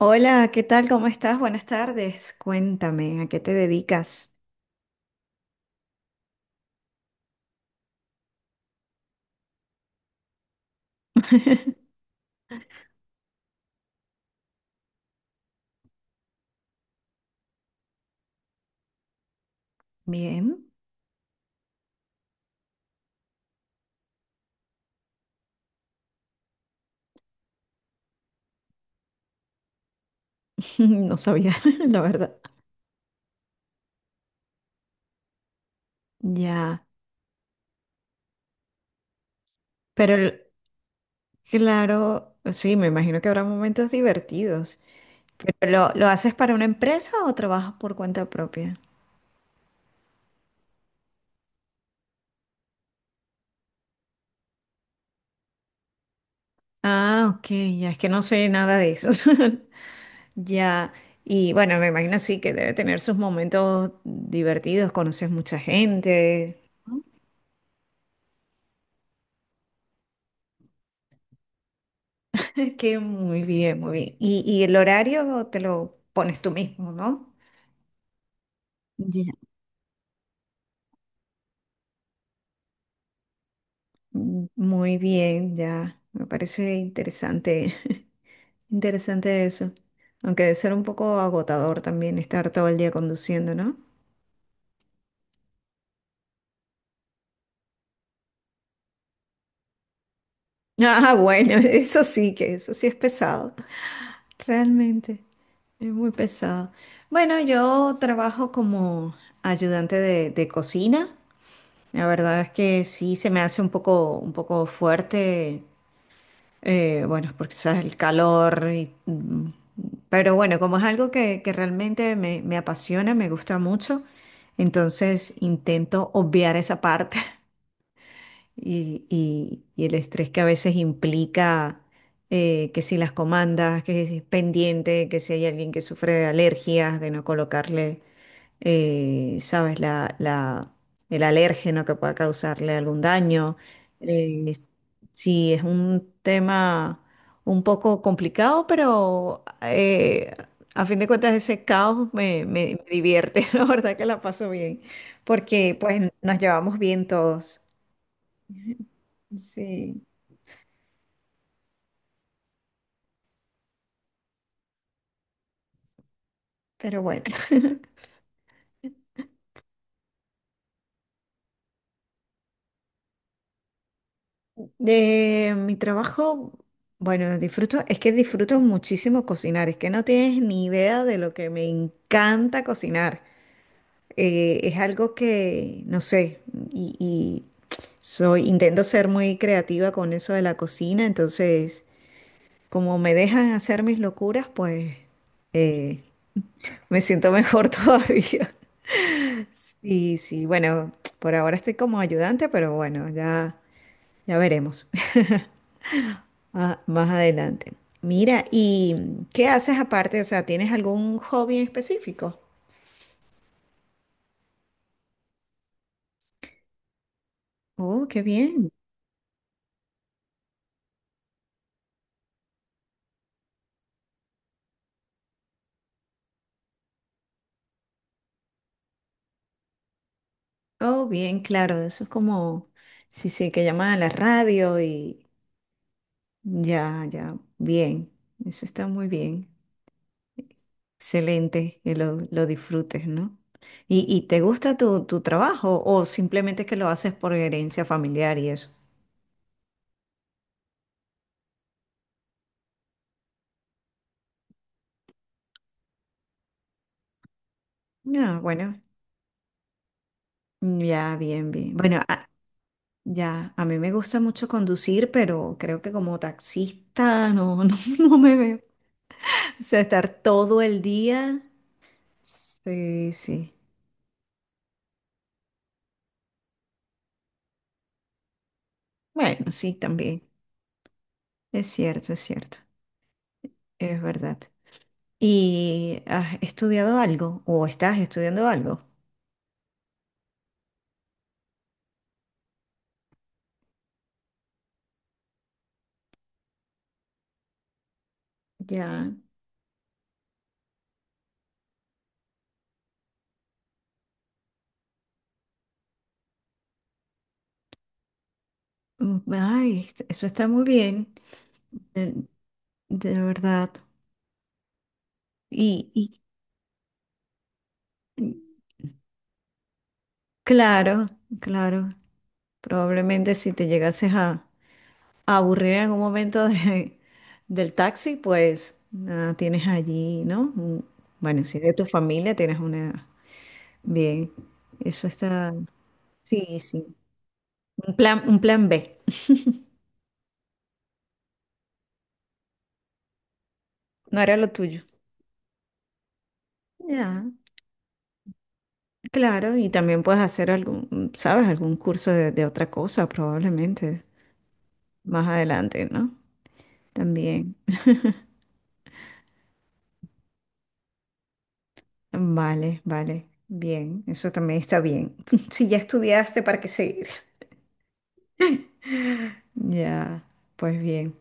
Hola, ¿qué tal? ¿Cómo estás? Buenas tardes. Cuéntame, ¿a qué te dedicas? Bien, no sabía, la verdad. Ya, pero el- claro, sí, me imagino que habrá momentos divertidos. ¿Pero lo haces para una empresa o trabajas por cuenta propia? Ah, ok, ya es que no sé nada de eso. Ya, y bueno, me imagino sí que debe tener sus momentos divertidos, conoces mucha gente. Qué muy bien, muy bien. Y el horario te lo pones tú mismo, ¿no? Ya. Muy bien, ya. Me parece interesante, interesante eso. Aunque debe ser un poco agotador también estar todo el día conduciendo, ¿no? Ah, bueno, eso sí que, eso sí es pesado. Realmente, es muy pesado. Bueno, yo trabajo como ayudante de cocina. La verdad es que sí se me hace un poco fuerte. Bueno, porque sabes el calor y, pero bueno, como es algo que realmente me apasiona, me gusta mucho, entonces intento obviar esa parte y el estrés que a veces implica que si las comandas, que si es pendiente, que si hay alguien que sufre de alergias, de no colocarle sabes, el alérgeno que pueda causarle algún daño. Eh, es- sí, es un tema un poco complicado, pero a fin de cuentas ese caos me divierte, la verdad que la paso bien, porque pues nos llevamos bien todos. Sí, pero bueno. De mi trabajo, bueno, disfruto, es que disfruto muchísimo cocinar, es que no tienes ni idea de lo que me encanta cocinar. Es algo que, no sé, y soy, intento ser muy creativa con eso de la cocina, entonces, como me dejan hacer mis locuras, pues eh, me siento mejor todavía. Sí, sí, bueno, por ahora estoy como ayudante, pero bueno, ya veremos. Ah, más adelante. Mira, ¿y qué haces aparte? O sea, ¿tienes algún hobby en específico? Oh, qué bien. Oh, bien, claro. Eso es como, sí, sí, que llaman a la radio y ya, ya, bien. Eso está muy bien. Excelente, que lo disfrutes, ¿no? ¿Y te gusta tu trabajo o simplemente es que lo haces por herencia familiar y eso? No, bueno, ya, bien, bien. Bueno, ya, a mí me gusta mucho conducir, pero creo que como taxista no, no, no me veo. O sea, estar todo el día. Sí, sí. Bueno, sí, también. Es cierto, es cierto. Es verdad. ¿Y has estudiado algo o estás estudiando algo? Ya. Ay, eso está muy bien. De, de verdad. Y mm, claro, claro. Probablemente si te llegases a aburrir en algún momento del taxi, pues nada, tienes allí, ¿no? Bueno, si es de tu familia, tienes una. Bien, eso está. Sí, sí. Un plan B. No era lo tuyo. Ya, claro, y también puedes hacer algún, ¿sabes? Algún curso de otra cosa, probablemente, más adelante, ¿no? También. Vale, vale. Bien, eso también está bien. Si ya estudiaste, ¿para qué seguir? Ya, pues bien.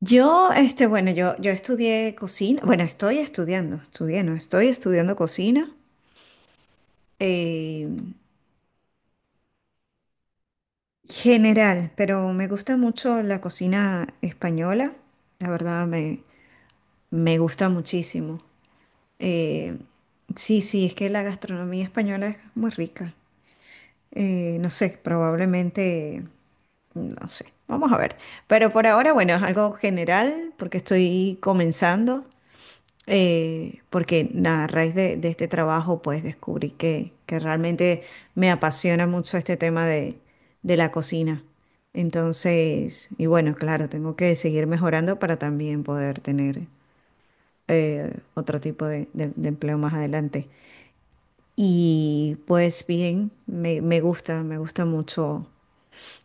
Yo, este, bueno, yo estudié cocina, bueno, estoy estudiando, estudié, no, estoy estudiando cocina eh, general, pero me gusta mucho la cocina española, la verdad me gusta muchísimo. Eh, sí, sí, es que la gastronomía española es muy rica. No sé, probablemente, no sé, vamos a ver, pero por ahora, bueno, es algo general porque estoy comenzando. Porque a raíz de este trabajo pues descubrí que realmente me apasiona mucho este tema de la cocina. Entonces, y bueno, claro, tengo que seguir mejorando para también poder tener otro tipo de empleo más adelante. Y pues bien, me gusta mucho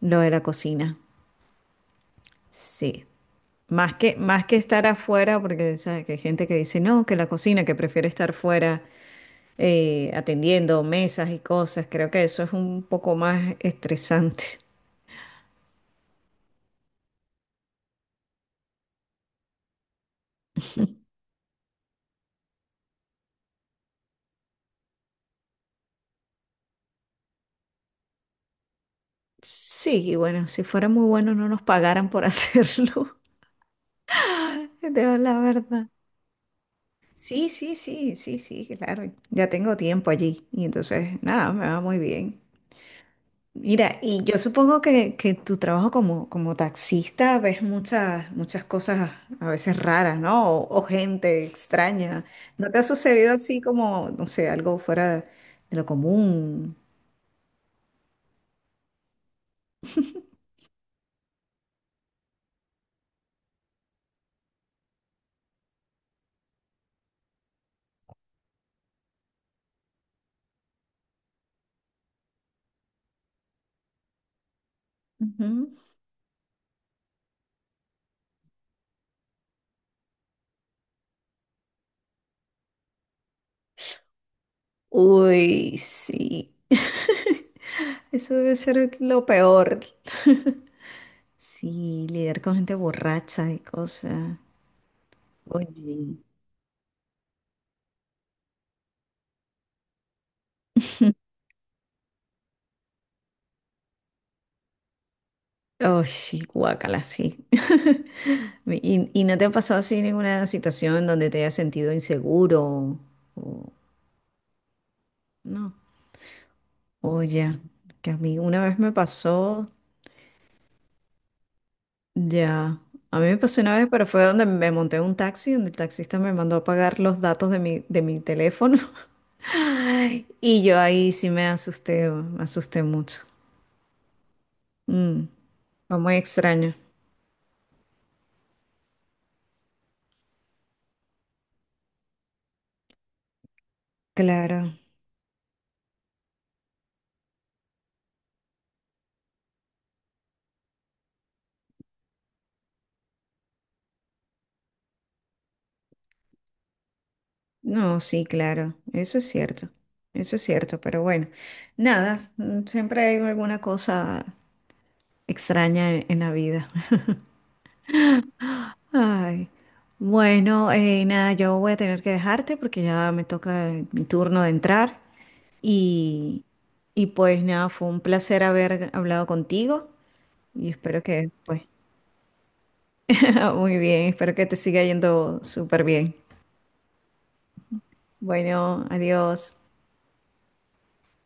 lo de la cocina. Sí. Más que estar afuera, porque sabes que hay gente que dice, no, que la cocina, que prefiere estar fuera atendiendo mesas y cosas, creo que eso es un poco más estresante. Sí, y bueno, si fuera muy bueno no nos pagaran por hacerlo, de la verdad. Sí, sí, sí, sí, sí, claro. Ya tengo tiempo allí y entonces, nada, me va muy bien. Mira, y yo supongo que tu trabajo como taxista ves muchas, muchas cosas a veces raras, ¿no? O gente extraña. ¿No te ha sucedido así como, no sé, algo fuera de lo común? Ujú. Uy, sí. Eso debe ser lo peor. Sí, lidiar con gente borracha y cosas. Oye. Oh, sí, guácala, sí. ¿Y no te ha pasado así ninguna situación donde te hayas sentido inseguro? O, no. O ya, que a mí una vez me pasó, ya. A mí me pasó una vez, pero fue donde me monté en un taxi, donde el taxista me mandó a pagar los datos de mi teléfono. Y yo ahí sí me asusté mucho. Mm, fue muy extraño. Claro. No, sí, claro, eso es cierto, pero bueno, nada, siempre hay alguna cosa extraña en la vida. Ay, bueno, nada, yo voy a tener que dejarte porque ya me toca mi turno de entrar y, y pues nada, fue un placer haber hablado contigo y espero que, pues, muy bien, espero que te siga yendo súper bien. Bueno, adiós.